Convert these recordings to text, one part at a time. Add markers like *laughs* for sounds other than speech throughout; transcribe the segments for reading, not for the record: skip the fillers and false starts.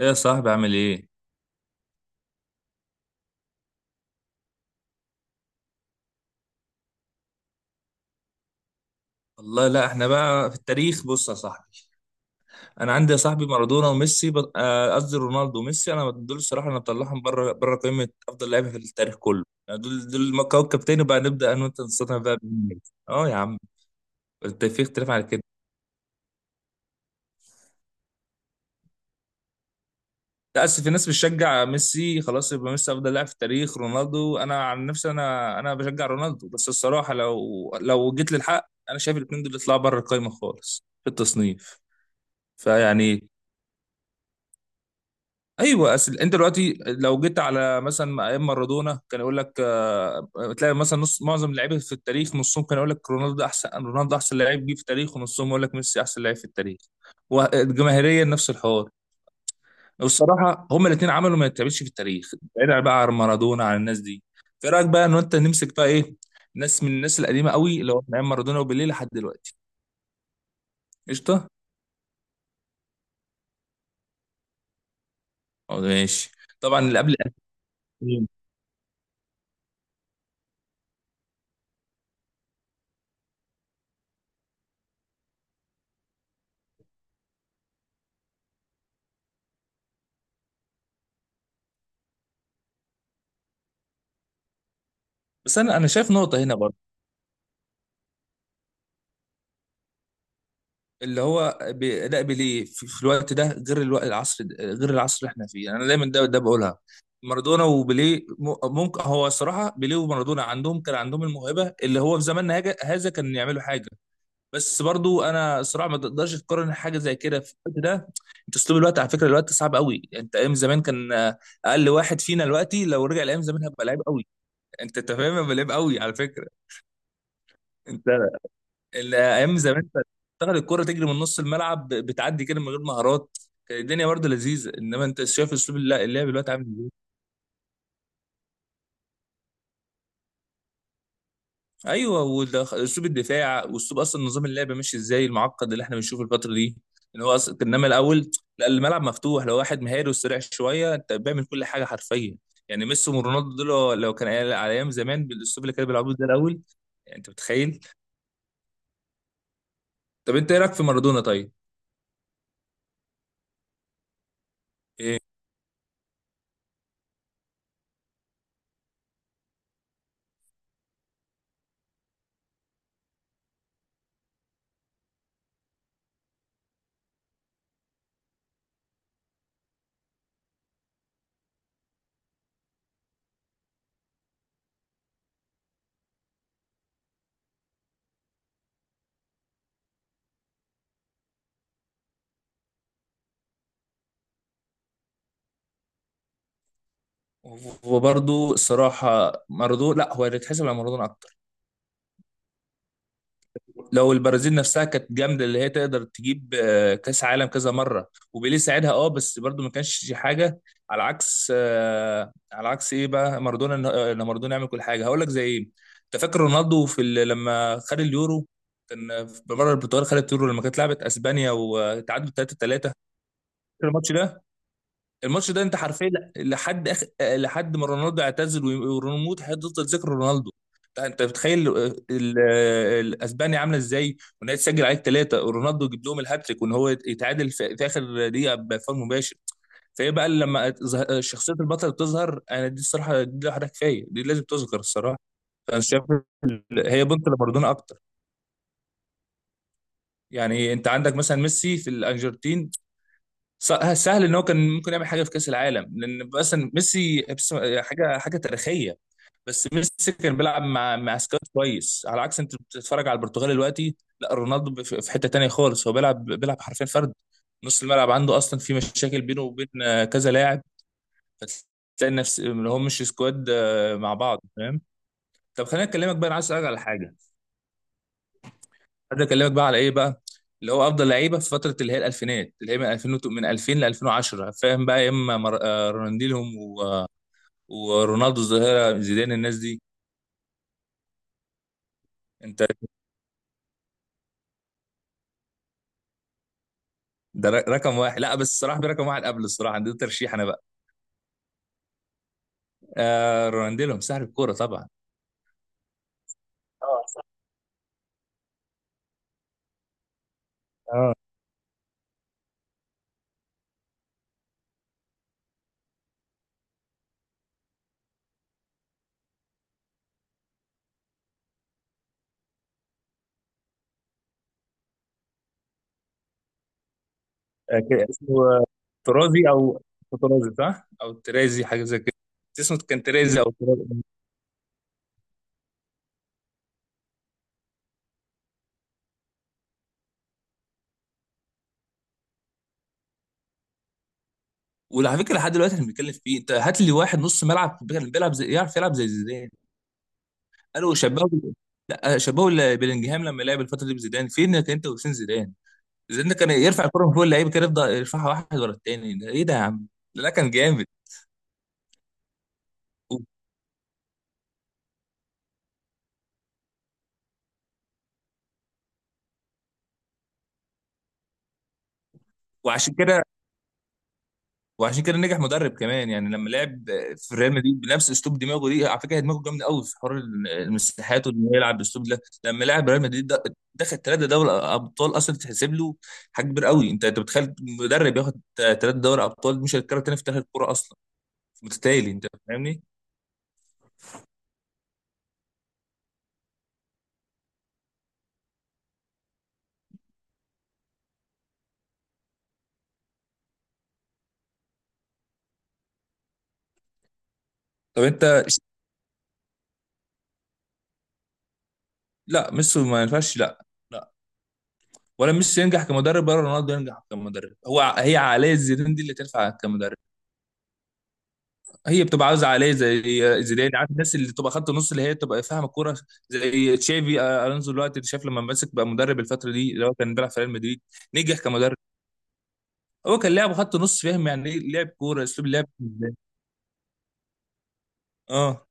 ايه يا صاحبي، عامل ايه؟ والله لا، احنا بقى في التاريخ. بص يا صاحبي، انا عندي يا صاحبي مارادونا وميسي قصدي رونالدو وميسي. انا دول الصراحه، انا بطلعهم بره قائمه افضل لعيبه في التاريخ كله، يعني دول كوكب تاني. بقى نبدا انا وانت، نستطيع بقى بمين. اه يا عم، انت في اختلاف على كده؟ لا، اصل في ناس بتشجع ميسي، خلاص يبقى ميسي افضل لاعب في التاريخ، رونالدو. انا عن نفسي انا بشجع رونالدو، بس الصراحه لو جيت للحق انا شايف الاثنين دول يطلعوا بره القائمه خالص في التصنيف. فيعني ايوه، اصل انت دلوقتي لو جيت على مثلا ايام مارادونا، كان يقول لك، تلاقي مثلا نص، معظم اللعيبه في التاريخ نصهم كان يقول لك رونالدو ده احسن، رونالدو ده احسن لعيب جه في التاريخ، ونصهم يقول لك ميسي احسن لعيب في التاريخ. وجماهيريا نفس الحوار. والصراحه هما الاثنين عملوا ما يتعملش في التاريخ. بعيد بقى عن مارادونا، عن الناس دي، في رايك بقى ان انت نمسك بقى ايه؟ ناس من الناس القديمه قوي، اللي هو من ايام مارادونا وبيليه لحد دلوقتي. قشطه. ماشي. طبعا اللي قبل 2000، بس انا شايف نقطه هنا. اللي هو لا، بيليه في الوقت ده غير الوقت، العصر غير العصر اللي احنا فيه، يعني انا دايما ده بقولها. مارادونا وبيليه ممكن، هو الصراحه بيليه ومارادونا عندهم، كان عندهم الموهبه اللي هو في زماننا هذا، كان يعملوا حاجه. بس برضو انا الصراحه ما تقدرش تقارن حاجه زي كده في الوقت ده. انت اسلوب الوقت، على فكره الوقت صعب قوي. انت ايام زمان كان، اقل واحد فينا دلوقتي لو رجع لايام زمان هبقى لعيب قوي. أنت فاهم، هبقى لعيب قوي على فكره. انت الايام زمان كانت تاخد الكرة تجري من نص الملعب، بتعدي كده من غير مهارات. كانت الدنيا برضه لذيذه، انما انت شايف اسلوب اللعب دلوقتي عامل ازاي. ايوه، اسلوب الدفاع، واسلوب اصلا نظام اللعب ماشي ازاي، المعقد اللي احنا بنشوفه الفتره دي، ان هو اصلا، انما الاول لا، الملعب مفتوح، لو واحد مهاري وسريع شويه انت بيعمل كل حاجه حرفيا. يعني ميسي ورونالدو دول لو كان على ايام زمان بالاسلوب اللي كانوا بيلعبوه ده الاول، يعني انت متخيل. طب انت ايه رايك في مارادونا طيب؟ إيه؟ وبرضه الصراحة مارادونا، لا، هو اللي يتحسب على مارادونا أكتر. لو البرازيل نفسها كانت جامدة، اللي هي تقدر تجيب كأس عالم كذا مرة، وبيليه ساعدها أه، بس برضه ما كانش حاجة. على عكس، على عكس إيه بقى مارادونا، إن مارادونا يعمل كل حاجة. هقول لك زي إيه، أنت فاكر رونالدو في لما خد اليورو؟ كان في مرة البرتغال خدت اليورو لما كانت لعبت أسبانيا وتعادلوا 3-3. فاكر الماتش ده؟ الماتش ده انت حرفيا لحد ما رونالدو اعتزل وريموت هتفضل ذكر رونالدو. طيب انت بتخيل الاسبانيا عامله ازاي، وان هي تسجل عليك ثلاثه، ورونالدو يجيب لهم الهاتريك، وان هو يتعادل في اخر دقيقه بفاول مباشر. فهي بقى لما شخصيه البطل بتظهر، انا دي الصراحه دي لوحدها كفايه، دي لازم تذكر الصراحه. فانا شايف هي بنت لمارادونا اكتر. يعني انت عندك مثلا ميسي في الارجنتين، سهل ان هو كان ممكن يعمل حاجه في كاس العالم لان مثلا ميسي حاجه حاجه تاريخيه. بس ميسي كان بيلعب مع سكواد كويس، على عكس انت بتتفرج على البرتغال دلوقتي، لا رونالدو في حته تانيه خالص، هو بيلعب حرفيا فرد، نص الملعب عنده اصلا في مشاكل بينه وبين كذا لاعب. فتلاقي نفس ان هو مش سكواد مع بعض، فاهم. طب خليني اكلمك بقى، انا عايز اسالك على حاجه. عايز اكلمك بقى على ايه بقى، اللي هو افضل لعيبه في فتره اللي هي الالفينات، اللي هي من 2000 من 2000 ل 2010، فاهم بقى، يا اما مر... آه، رونالدينهم و... ورونالدو الظاهره، زيدان، الناس دي. انت ده رقم واحد. لا، بس الصراحه في رقم واحد قبل، الصراحه عندي ترشيح انا بقى. آه رونالدينهم سحر الكوره طبعا. اه صح. اه أكيد. اسمه ترازي او ترازي، صح؟ او ترازي حاجه زي كده. اسمه كان ترازي او ترازي. وعلى فكره لحد دلوقتي احنا بنتكلم فيه، انت هات لي واحد نص ملعب بيلعب زي، يعرف يلعب زي زيدان. قالوا شبهوا، لا شبهوا بلينجهام لما لعب الفتره دي بزيدان. فين كان انت وفين زيدان؟ زيدان ده كان يرفع الكره من فوق اللعيبه كده، يفضل يرفعها واحد ورا التاني، ده ايه ده يا عم؟ ده لا كان جامد. و- وعشان كده، وعشان كده نجح مدرب كمان، يعني لما لعب في ريال مدريد بنفس اسلوب دماغه دي، على فكره دماغه جامده قوي في حوار المساحات، وان هو يلعب بالاسلوب ده، لما لعب ريال مدريد ده دخل ثلاثه دوري ابطال اصلا، تتحسب له حاجه كبيره قوي. انت بتخيل مدرب ياخد ثلاثه دوري ابطال؟ مش هيتكرر تاني في تاريخ الكوره اصلا، متتالي، انت فاهمني. طب انت، لا ميسي ما ينفعش، لا، لا. ولا ميسي ينجح كمدرب ولا رونالدو ينجح كمدرب، هو هي عقليه زيدان دي اللي تنفع كمدرب. هي بتبقى عاوزه عقليه زي زيدان، عارف، الناس اللي تبقى خط نص اللي هي تبقى فاهمه الكوره، زي تشافي، الونزو دلوقتي اللي شاف لما مسك بقى مدرب الفتره دي، اللي هو كان بيلعب في ريال مدريد، نجح كمدرب. هو كان لاعب خط نص، فاهم يعني ايه لعب كوره، اسلوب لعب ازاي. اه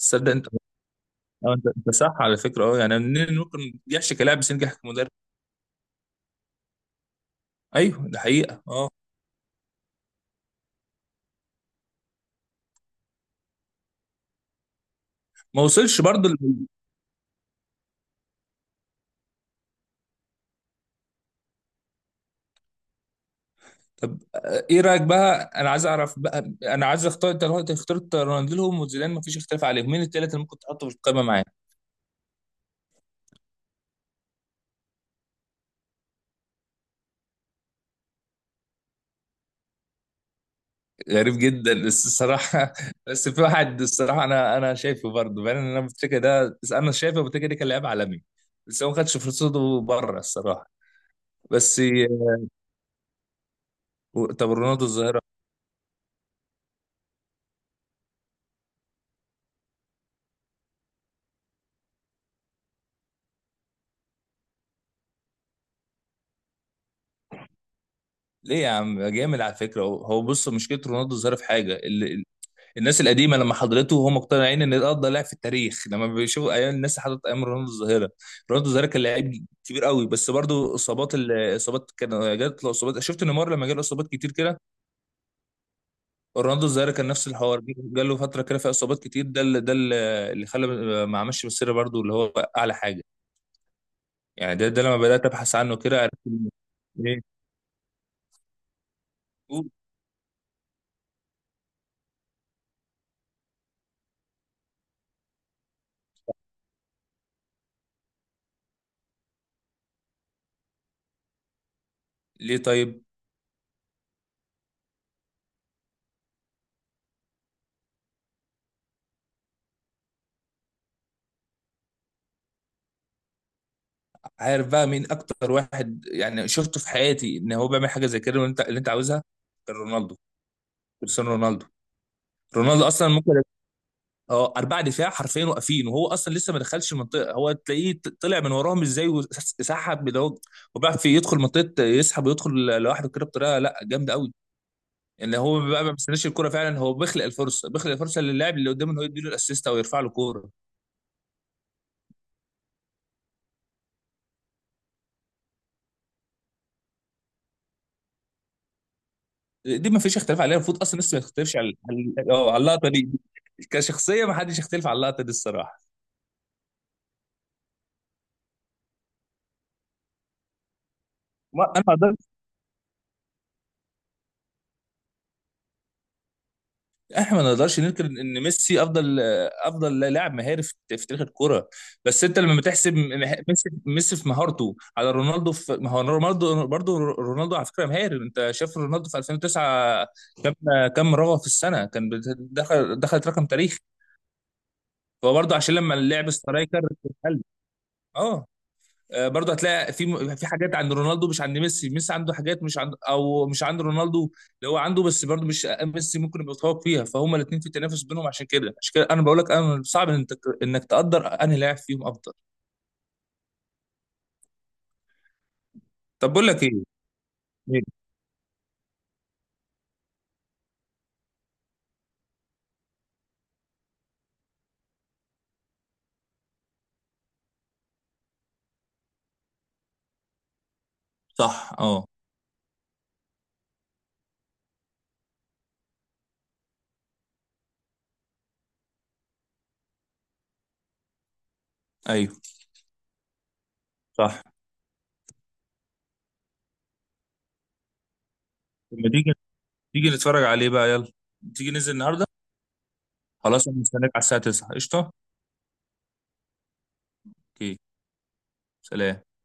تصدق انت، اه انت صح على فكره. اه، يعني منين ممكن يحشي كلاعب بس ينجح كمدرب. ايوه ده حقيقه، اه. ما وصلش برضه. طب ايه رايك بقى، انا عايز اعرف بقى، انا عايز اختار، انت دلوقتي اخترت رونالدو وزيدان مفيش اختلاف عليهم، مين الثلاثه اللي ممكن تحطه في القائمه معاك؟ غريب جدا بس الصراحه، *laughs* بس في واحد الصراحه، انا شايفه برضه، بان انا بتريكا ده، بس انا شايفه بتريكا ده كان لاعب عالمي، بس هو ما خدش فرصته بره الصراحه. بس. طب رونالدو الظاهره، ليه يا عم؟ جامد على فكره. هو بص، مشكله رونالدو الظاهره في حاجه. الناس القديمه لما حضرته وهم مقتنعين ان ده افضل لاعب في التاريخ، لما بيشوفوا ايام، الناس حضرت ايام رونالدو الظاهره. رونالدو الظاهره كان لاعب كبير قوي، بس برضه اصابات، الاصابات كان جات له اصابات، شفت نيمار لما جاله اصابات كتير كده. رونالدو الظاهره كان نفس الحوار، جاله فتره كده فيها اصابات كتير، ده اللي، ده اللي خلى ما عملش مسيره برضه اللي هو اعلى حاجه. يعني ده لما بدات ابحث عنه كده عرفت إن. ليه. ليه طيب. عارف بقى مين اكتر واحد يعني شفته في حياتي ان هو بيعمل حاجه زي كده وانت اللي انت عاوزها؟ كان رونالدو، كريستيانو رونالدو. رونالدو اصلا ممكن، اه اربعه دفاع حرفيا واقفين وهو اصلا لسه ما دخلش المنطقه، هو تلاقيه طلع من وراهم ازاي وسحب، ده هو. وبيعرف في يدخل منطقه يسحب ويدخل لوحده كده بطريقه لا جامده قوي. يعني هو بقى ما بيستناش الكرة فعلا، هو بيخلق الفرصه، بيخلق الفرصه للاعب اللي قدامه انه يديله الاسيست او يرفع له كوره. دي ما فيش اختلاف عليها، المفروض اصلا لسه ما يختلفش اه على اللقطه دي. كشخصيه ما حدش يختلف على اللقطه دي الصراحه. ما انا، احنا ما نقدرش ننكر ان ميسي افضل، افضل لاعب مهاري في تاريخ الكرة. بس انت لما بتحسب ميسي، ميسي في مهارته على رونالدو في، ما هو رونالدو برضه، رونالدو على فكرة مهاري، انت شايف رونالدو في 2009 كم، كم رغوة في السنة كان دخل، دخلت رقم تاريخي. فهو برضه عشان لما اللعب سترايكر اتقل. اه. برضه هتلاقي في في حاجات عند رونالدو مش عند ميسي، ميسي عنده حاجات مش عند او مش عند رونالدو اللي هو عنده، بس برضه مش ميسي ممكن يبقى متفوق فيها، فهم الاثنين في تنافس بينهم. عشان كده، عشان كده انا بقول لك انا صعب انك تقدر انهي لاعب فيهم افضل. طب بقول لك ايه. إيه؟ صح اه. ايوه صح. لما تيجي، تيجي نتفرج عليه بقى، يلا. تيجي ننزل النهارده. خلاص، انا مستنيك على الساعه 9. قشطه. اوكي. سلام.